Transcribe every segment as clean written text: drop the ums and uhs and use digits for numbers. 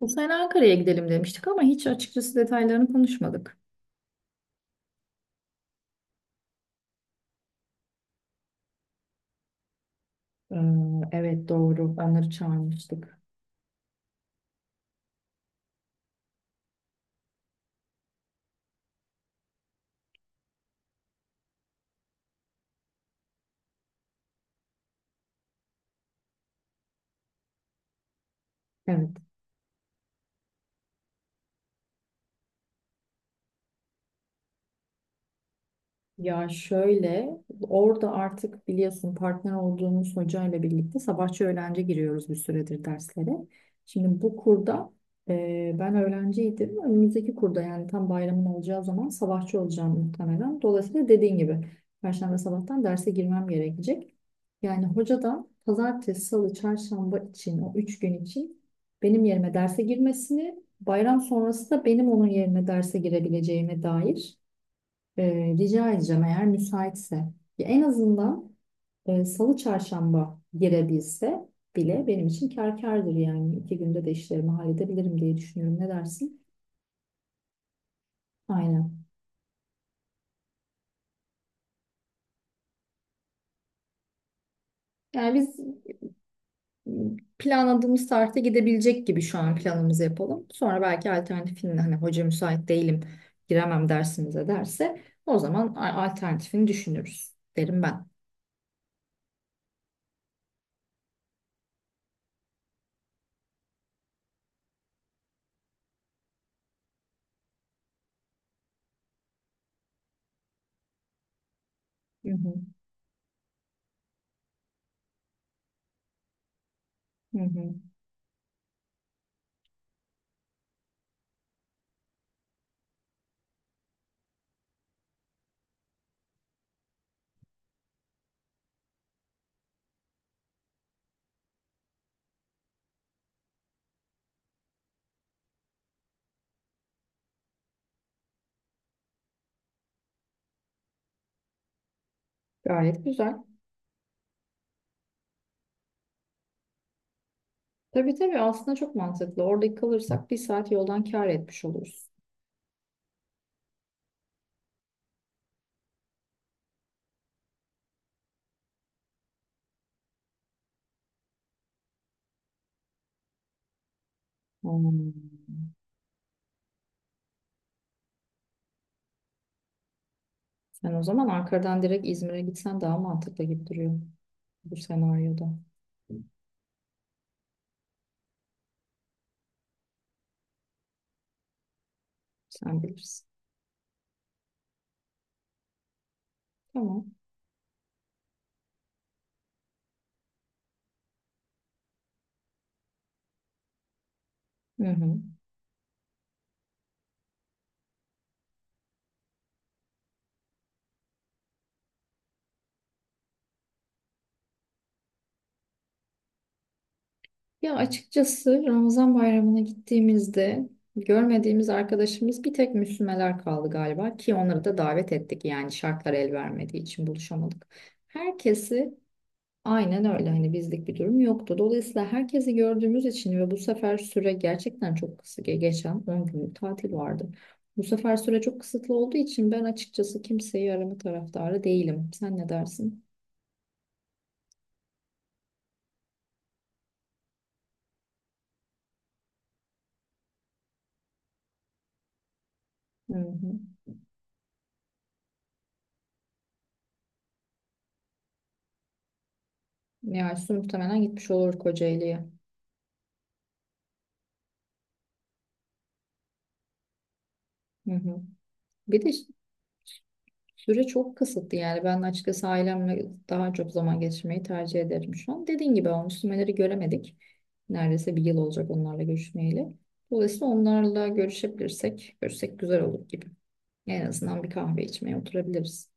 Bu sene Ankara'ya gidelim demiştik ama hiç açıkçası detaylarını konuşmadık. Ee, evet doğru. Onları çağırmıştık. Evet. Ya şöyle, orada artık biliyorsun partner olduğumuz hocayla birlikte sabahçı öğlenci giriyoruz bir süredir derslere. Şimdi bu kurda ben öğrenciydim. Önümüzdeki kurda yani tam bayramın olacağı zaman sabahçı olacağım muhtemelen. Dolayısıyla dediğin gibi Perşembe sabahtan derse girmem gerekecek. Yani hoca da pazartesi, salı, çarşamba için o üç gün için benim yerime derse girmesini, bayram sonrası da benim onun yerine derse girebileceğime dair rica edeceğim eğer müsaitse. Ya en azından Salı Çarşamba girebilse bile benim için kâr kârdır yani. İki günde de işlerimi halledebilirim diye düşünüyorum. Ne dersin? Aynen. Yani biz planladığımız tarihte gidebilecek gibi şu an planımızı yapalım. Sonra belki alternatifini hani hoca müsait değilim giremem dersimize derse o zaman alternatifini düşünürüz derim ben. Hı hı, hı hı. Gayet güzel. Tabii tabii aslında çok mantıklı. Orada kalırsak bir saat yoldan kâr etmiş oluruz. Hmm. Sen o zaman Ankara'dan direkt İzmir'e gitsen daha mantıklı gibi duruyor bu senaryoda. Sen bilirsin. Tamam. Hı hı. Ya açıkçası Ramazan bayramına gittiğimizde görmediğimiz arkadaşımız bir tek Müslümeler kaldı galiba ki onları da davet ettik yani şartlar el vermediği için buluşamadık. Herkesi aynen öyle hani bizlik bir durum yoktu. Dolayısıyla herkesi gördüğümüz için ve bu sefer süre gerçekten çok kısa geçen 10 günlük tatil vardı. Bu sefer süre çok kısıtlı olduğu için ben açıkçası kimseyi arama taraftarı değilim. Sen ne dersin? Hı hı. Yani Su muhtemelen gitmiş olur Kocaeli'ye. Hı hı. Bir de süre çok kısıtlı yani ben açıkçası ailemle daha çok zaman geçirmeyi tercih ederim şu an. Dediğin gibi o Müslümanları göremedik. Neredeyse bir yıl olacak onlarla görüşmeyeli. Dolayısıyla onlarla görüşebilirsek, görüşsek güzel olur gibi. En azından bir kahve içmeye oturabiliriz.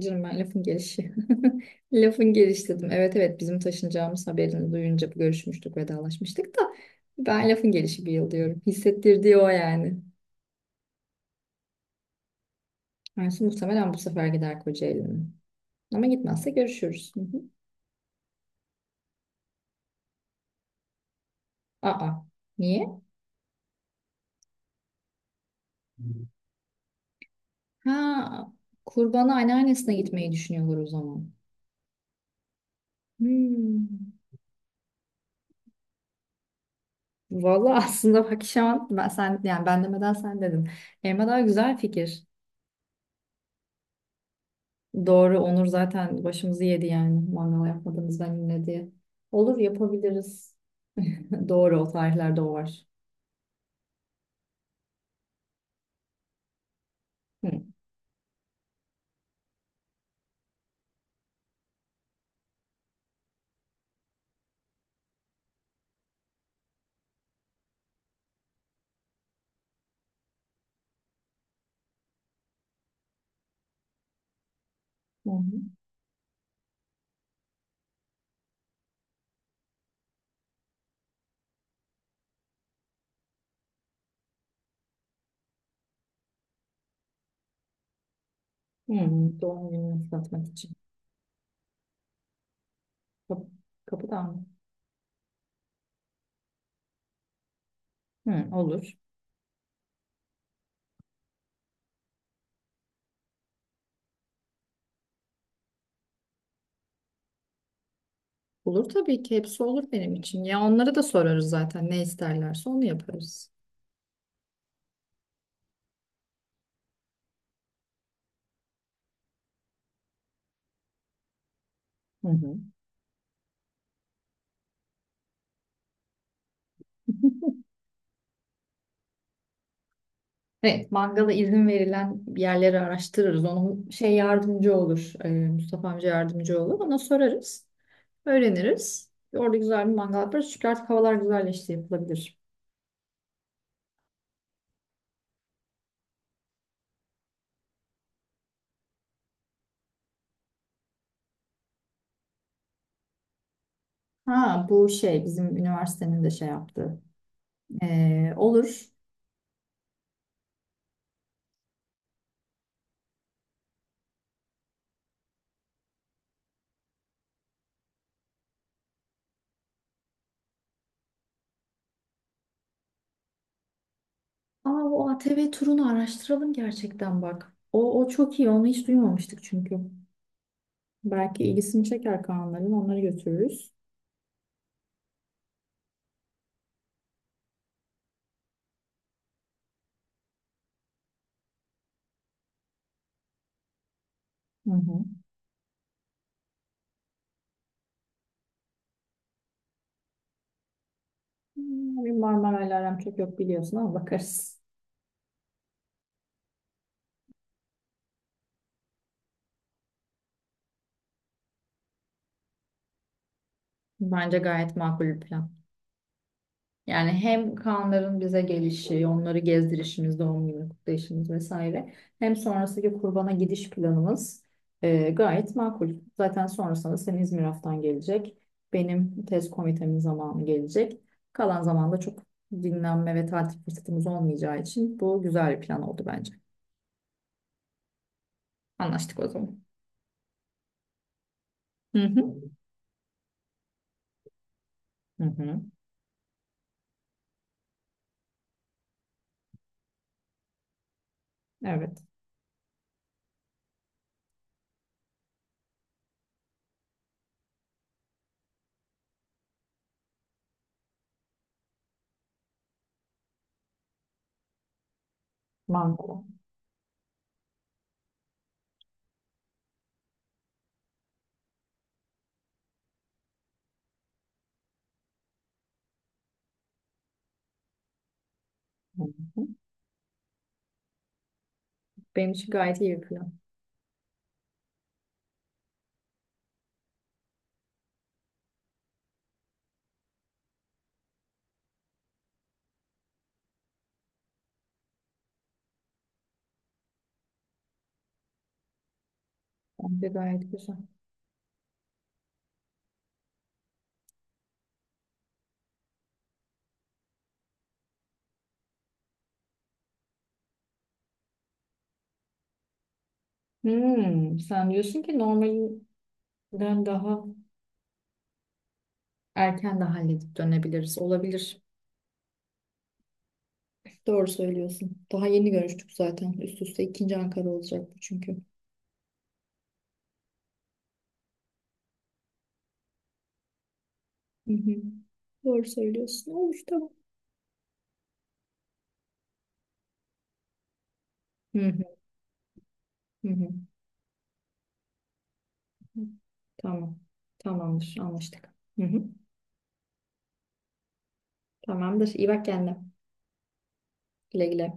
Canım ben lafın gelişi. Lafın gelişi dedim. Evet evet bizim taşınacağımız haberini duyunca görüşmüştük, vedalaşmıştık da ben lafın gelişi bir yıl diyorum. Hissettirdiği o yani. Yani muhtemelen bu sefer gider Kocaeli'nin. Ama gitmezse görüşürüz. Hı hı. Aa, niye? Ha, kurbanı anneannesine gitmeyi düşünüyorlar o zaman. Hmm. Vallahi aslında bak şu an ben, sen, yani ben demeden sen dedin. Elma daha güzel fikir. Doğru, Onur zaten başımızı yedi yani. Mangal yapmadığımızdan benimle diye. Olur yapabiliriz. Doğru, o tarihlerde o var. Hı. Hı hı. Hı, doğum gününü kutlatmak için. Kapı, kapıdan mı? Hı, olur. Olur tabii ki hepsi olur benim için. Ya onlara da sorarız zaten ne isterlerse onu yaparız. Hı hı. Evet, mangala izin verilen yerleri araştırırız. Onun şey yardımcı olur. Mustafa amca yardımcı olur. Ona sorarız. Öğreniriz. Orada güzel bir mangal yaparız. Çünkü artık havalar güzelleşti yapılabilir. Ha bu şey bizim üniversitenin de şey yaptığı. E, olur. Ama o ATV turunu araştıralım gerçekten bak. O, o çok iyi. Onu hiç duymamıştık çünkü. Belki ilgisini çeker Kaanların. Onları götürürüz. Hı hı. Hmm, bir Marmaray'la aram çok yok biliyorsun ama bakarız. Bence gayet makul bir plan. Yani hem Kaanların bize gelişi, onları gezdirişimiz, doğum günü kutlayışımız vesaire. Hem sonrasındaki kurbana gidiş planımız gayet makul. Zaten sonrasında senin İzmir haftan gelecek. Benim tez komitemin zamanı gelecek. Kalan zamanda çok dinlenme ve tatil fırsatımız olmayacağı için bu güzel bir plan oldu bence. Anlaştık o zaman. Hı hı. Hı hı. Evet. Mango. Hı hı. Benim için gayet iyi bir plan. Bence gayet güzel. Hmm, sen diyorsun ki normalden daha erken de halledip dönebiliriz. Olabilir. Doğru söylüyorsun. Daha yeni görüştük zaten. Üst üste ikinci Ankara olacak bu çünkü. Hı hı. Doğru söylüyorsun. Olur tamam. Hı hı. Hı hı. Tamam. Tamamdır. Anlaştık. Hı hı. Tamamdır. İyi bak kendine. Güle güle.